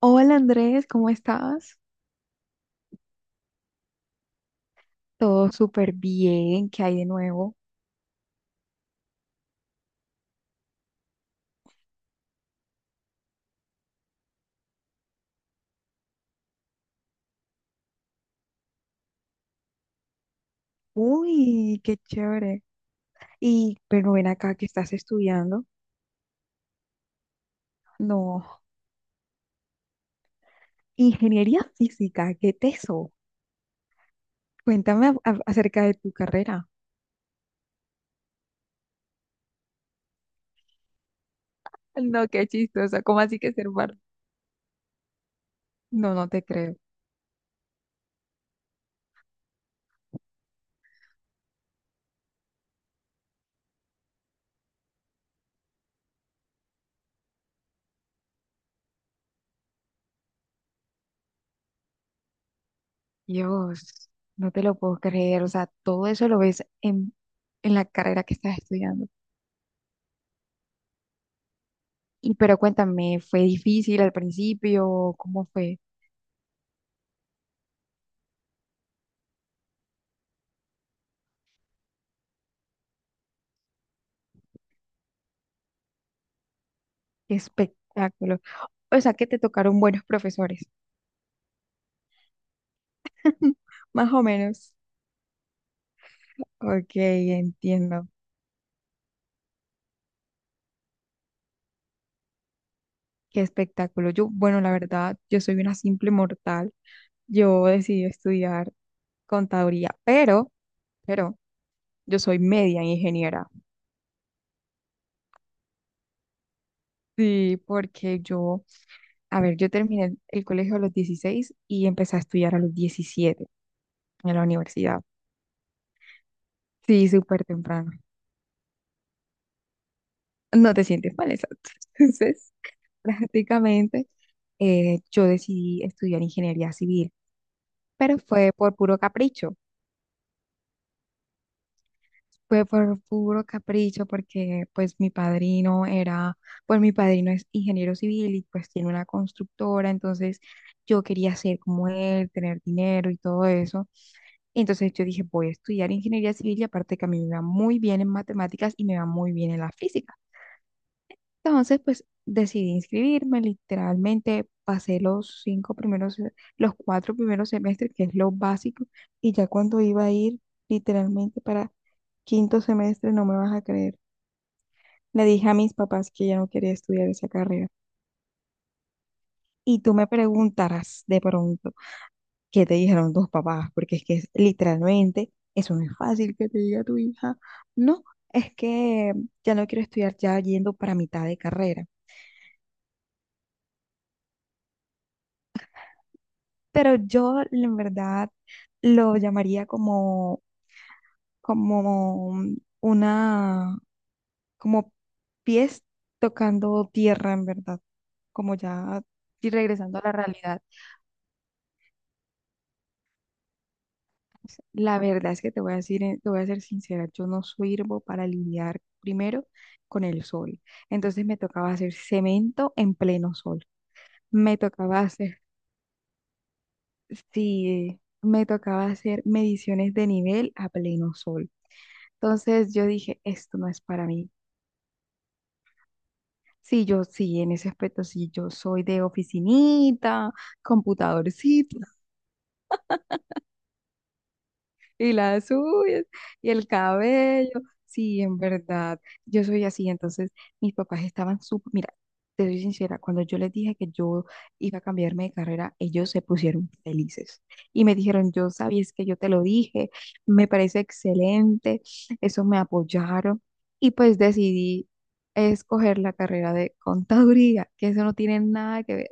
Hola Andrés, ¿cómo estás? Todo súper bien, ¿qué hay de nuevo? Uy, qué chévere. Y, pero ven acá que estás estudiando. No, ingeniería física, qué teso. Cuéntame acerca de tu carrera. No, qué chistosa, ¿cómo así que ser bar? No, no te creo. Dios, no te lo puedo creer. O sea, todo eso lo ves en la carrera que estás estudiando. Y pero cuéntame, ¿fue difícil al principio? ¿Cómo fue? Qué espectáculo. O sea, que te tocaron buenos profesores. Más o menos. Ok, entiendo. Qué espectáculo. Yo, bueno, la verdad, yo soy una simple mortal. Yo decidí estudiar contaduría, pero, yo soy media ingeniera. Sí, porque yo, a ver, yo terminé el colegio a los 16 y empecé a estudiar a los 17 en la universidad. Sí, súper temprano. No te sientes mal, exacto. Entonces, prácticamente, yo decidí estudiar ingeniería civil, pero fue por puro capricho. Fue por puro capricho porque pues pues mi padrino es ingeniero civil y pues tiene una constructora, entonces yo quería ser como él, tener dinero y todo eso. Entonces yo dije, voy a estudiar ingeniería civil y aparte que a mí me va muy bien en matemáticas y me va muy bien en la física. Entonces, pues decidí inscribirme, literalmente pasé los cuatro primeros semestres, que es lo básico, y ya cuando iba a ir literalmente para quinto semestre, no me vas a creer. Le dije a mis papás que ya no quería estudiar esa carrera. Y tú me preguntarás de pronto, ¿qué te dijeron tus papás? Porque es que literalmente eso no es fácil que te diga tu hija. No, es que ya no quiero estudiar ya yendo para mitad de carrera, pero yo en verdad lo llamaría como una, como pies tocando tierra, en verdad, como ya y regresando a la realidad. La verdad es que te voy a decir, te voy a ser sincera, yo no sirvo para lidiar primero con el sol. Entonces me tocaba hacer cemento en pleno sol. Me tocaba hacer, sí, me tocaba hacer mediciones de nivel a pleno sol. Entonces yo dije, esto no es para mí. Sí, yo sí, en ese aspecto sí, yo soy de oficinita, computadorcito. Y las uñas y el cabello. Sí, en verdad, yo soy así. Entonces, mis papás estaban súper, mira, te soy sincera, cuando yo les dije que yo iba a cambiarme de carrera, ellos se pusieron felices y me dijeron, yo sabía, es que yo te lo dije, me parece excelente, eso me apoyaron y pues decidí escoger la carrera de contaduría, que eso no tiene nada que ver.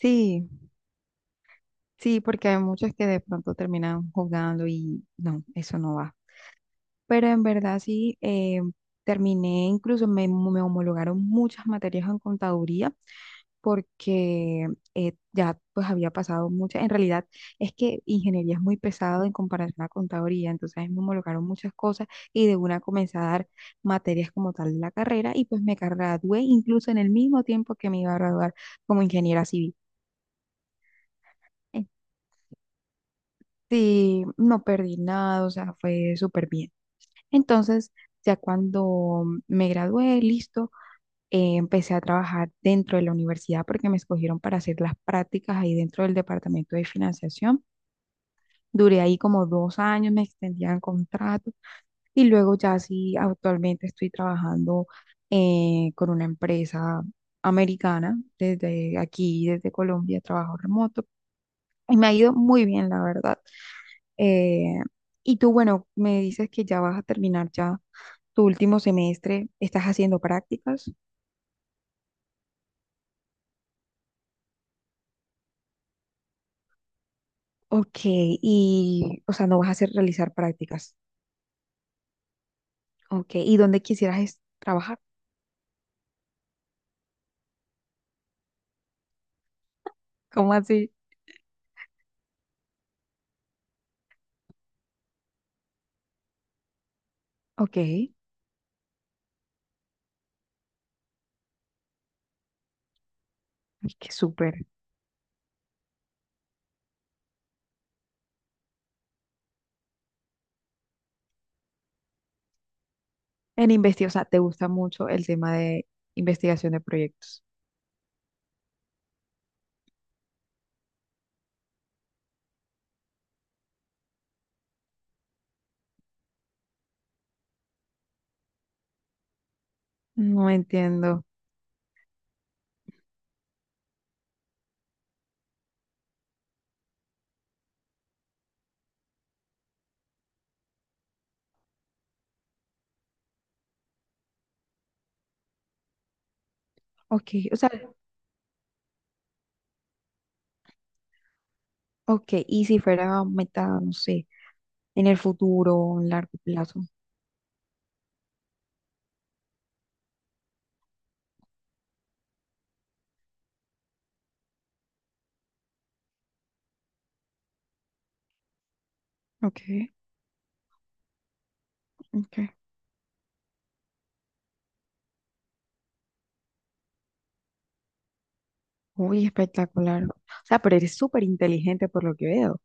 Sí, sí, porque hay muchos que de pronto terminan jugando y no, eso no va. Pero en verdad sí, terminé, incluso me homologaron muchas materias en contaduría porque ya pues había pasado muchas, en realidad es que ingeniería es muy pesado en comparación a contaduría, entonces ahí me homologaron muchas cosas y de una comencé a dar materias como tal de la carrera y pues me gradué incluso en el mismo tiempo que me iba a graduar como ingeniera civil. Eh, Sí, no perdí nada, o sea, fue súper bien. Entonces... Ya cuando me gradué, listo, empecé a trabajar dentro de la universidad porque me escogieron para hacer las prácticas ahí dentro del departamento de financiación. Duré ahí como 2 años, me extendían contrato y luego ya sí, actualmente estoy trabajando con una empresa americana desde aquí, desde Colombia, trabajo remoto y me ha ido muy bien, la verdad. Eh, y tú, bueno, me dices que ya vas a terminar ya tu último semestre, ¿estás haciendo prácticas? Ok, y, o sea, no vas a hacer realizar prácticas. Ok, ¿y dónde quisieras trabajar? ¿Cómo así? Ok, ay, qué súper. En investigación, o sea, te gusta mucho el tema de investigación de proyectos. No entiendo. Ok, o sea, ok, y si fuera meta, no sé, en el futuro, en largo plazo. Ok, ok. Uy, espectacular. O sea, pero eres súper inteligente por lo que veo.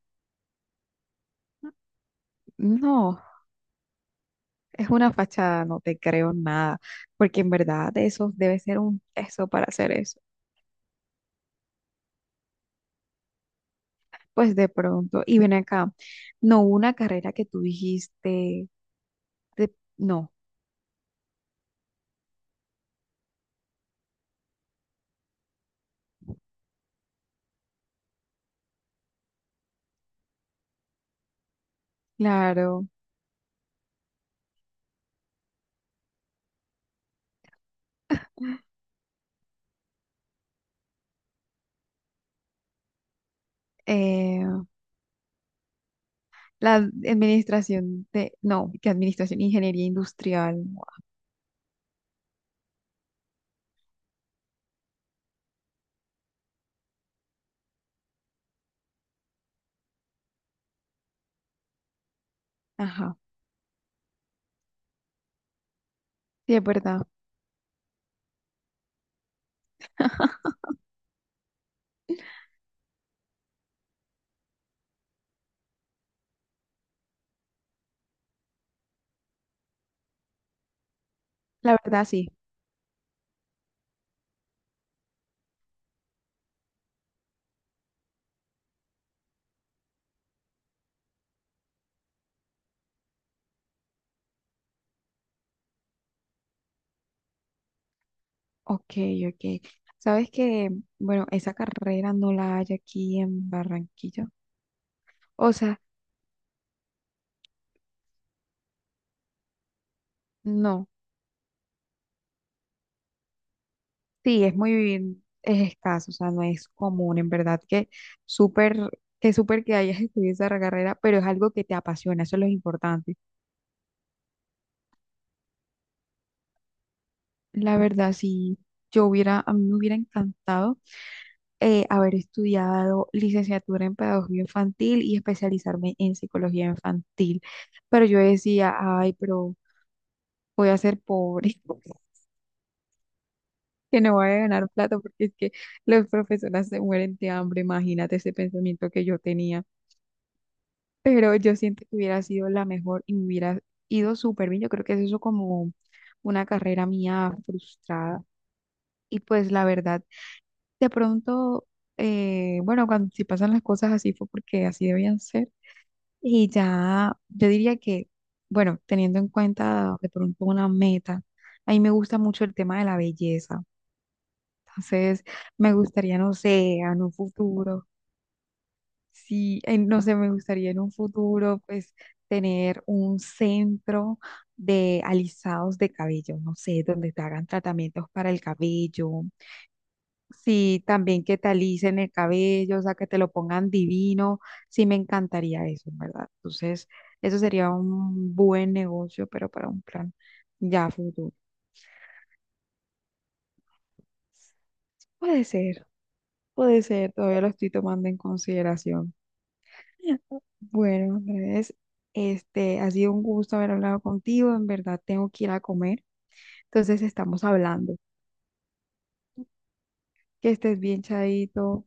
No. Es una fachada, no te creo nada, porque en verdad de eso debe ser un peso para hacer eso. Pues de pronto, y ven acá, no hubo una carrera que tú dijiste, no, claro, eh, la administración de, no, que administración, ingeniería industrial, no, ajá, sí, es verdad, la verdad sí, ok, ok. Sabes que, bueno, esa carrera no la hay aquí en Barranquilla, o sea, no. Sí, es muy, es escaso, o sea, no es común, en verdad, que súper, que súper que hayas estudiado esa carrera, pero es algo que te apasiona, eso es lo importante. La verdad, si yo hubiera, a mí me hubiera encantado haber estudiado licenciatura en pedagogía infantil y especializarme en psicología infantil, pero yo decía, ay, pero voy a ser pobre, que no voy a ganar plata porque es que los profesores se mueren de hambre, imagínate ese pensamiento que yo tenía. Pero yo siento que hubiera sido la mejor y me hubiera ido súper bien. Yo creo que es eso como una carrera mía frustrada. Y pues la verdad, de pronto, bueno, cuando si pasan las cosas así fue porque así debían ser. Y ya, yo diría que, bueno, teniendo en cuenta de pronto una meta, a mí me gusta mucho el tema de la belleza. Entonces, me gustaría, no sé, en un futuro. Sí, no sé, me gustaría en un futuro, pues, tener un centro de alisados de cabello, no sé, donde te hagan tratamientos para el cabello. Sí, también que te alisen el cabello, o sea, que te lo pongan divino. Sí, me encantaría eso, ¿en verdad? Entonces, eso sería un buen negocio, pero para un plan ya futuro. Puede ser, puede ser, todavía lo estoy tomando en consideración. Bueno, Andrés, este, ha sido un gusto haber hablado contigo. En verdad, tengo que ir a comer. Entonces, estamos hablando. Que estés bien, Chadito.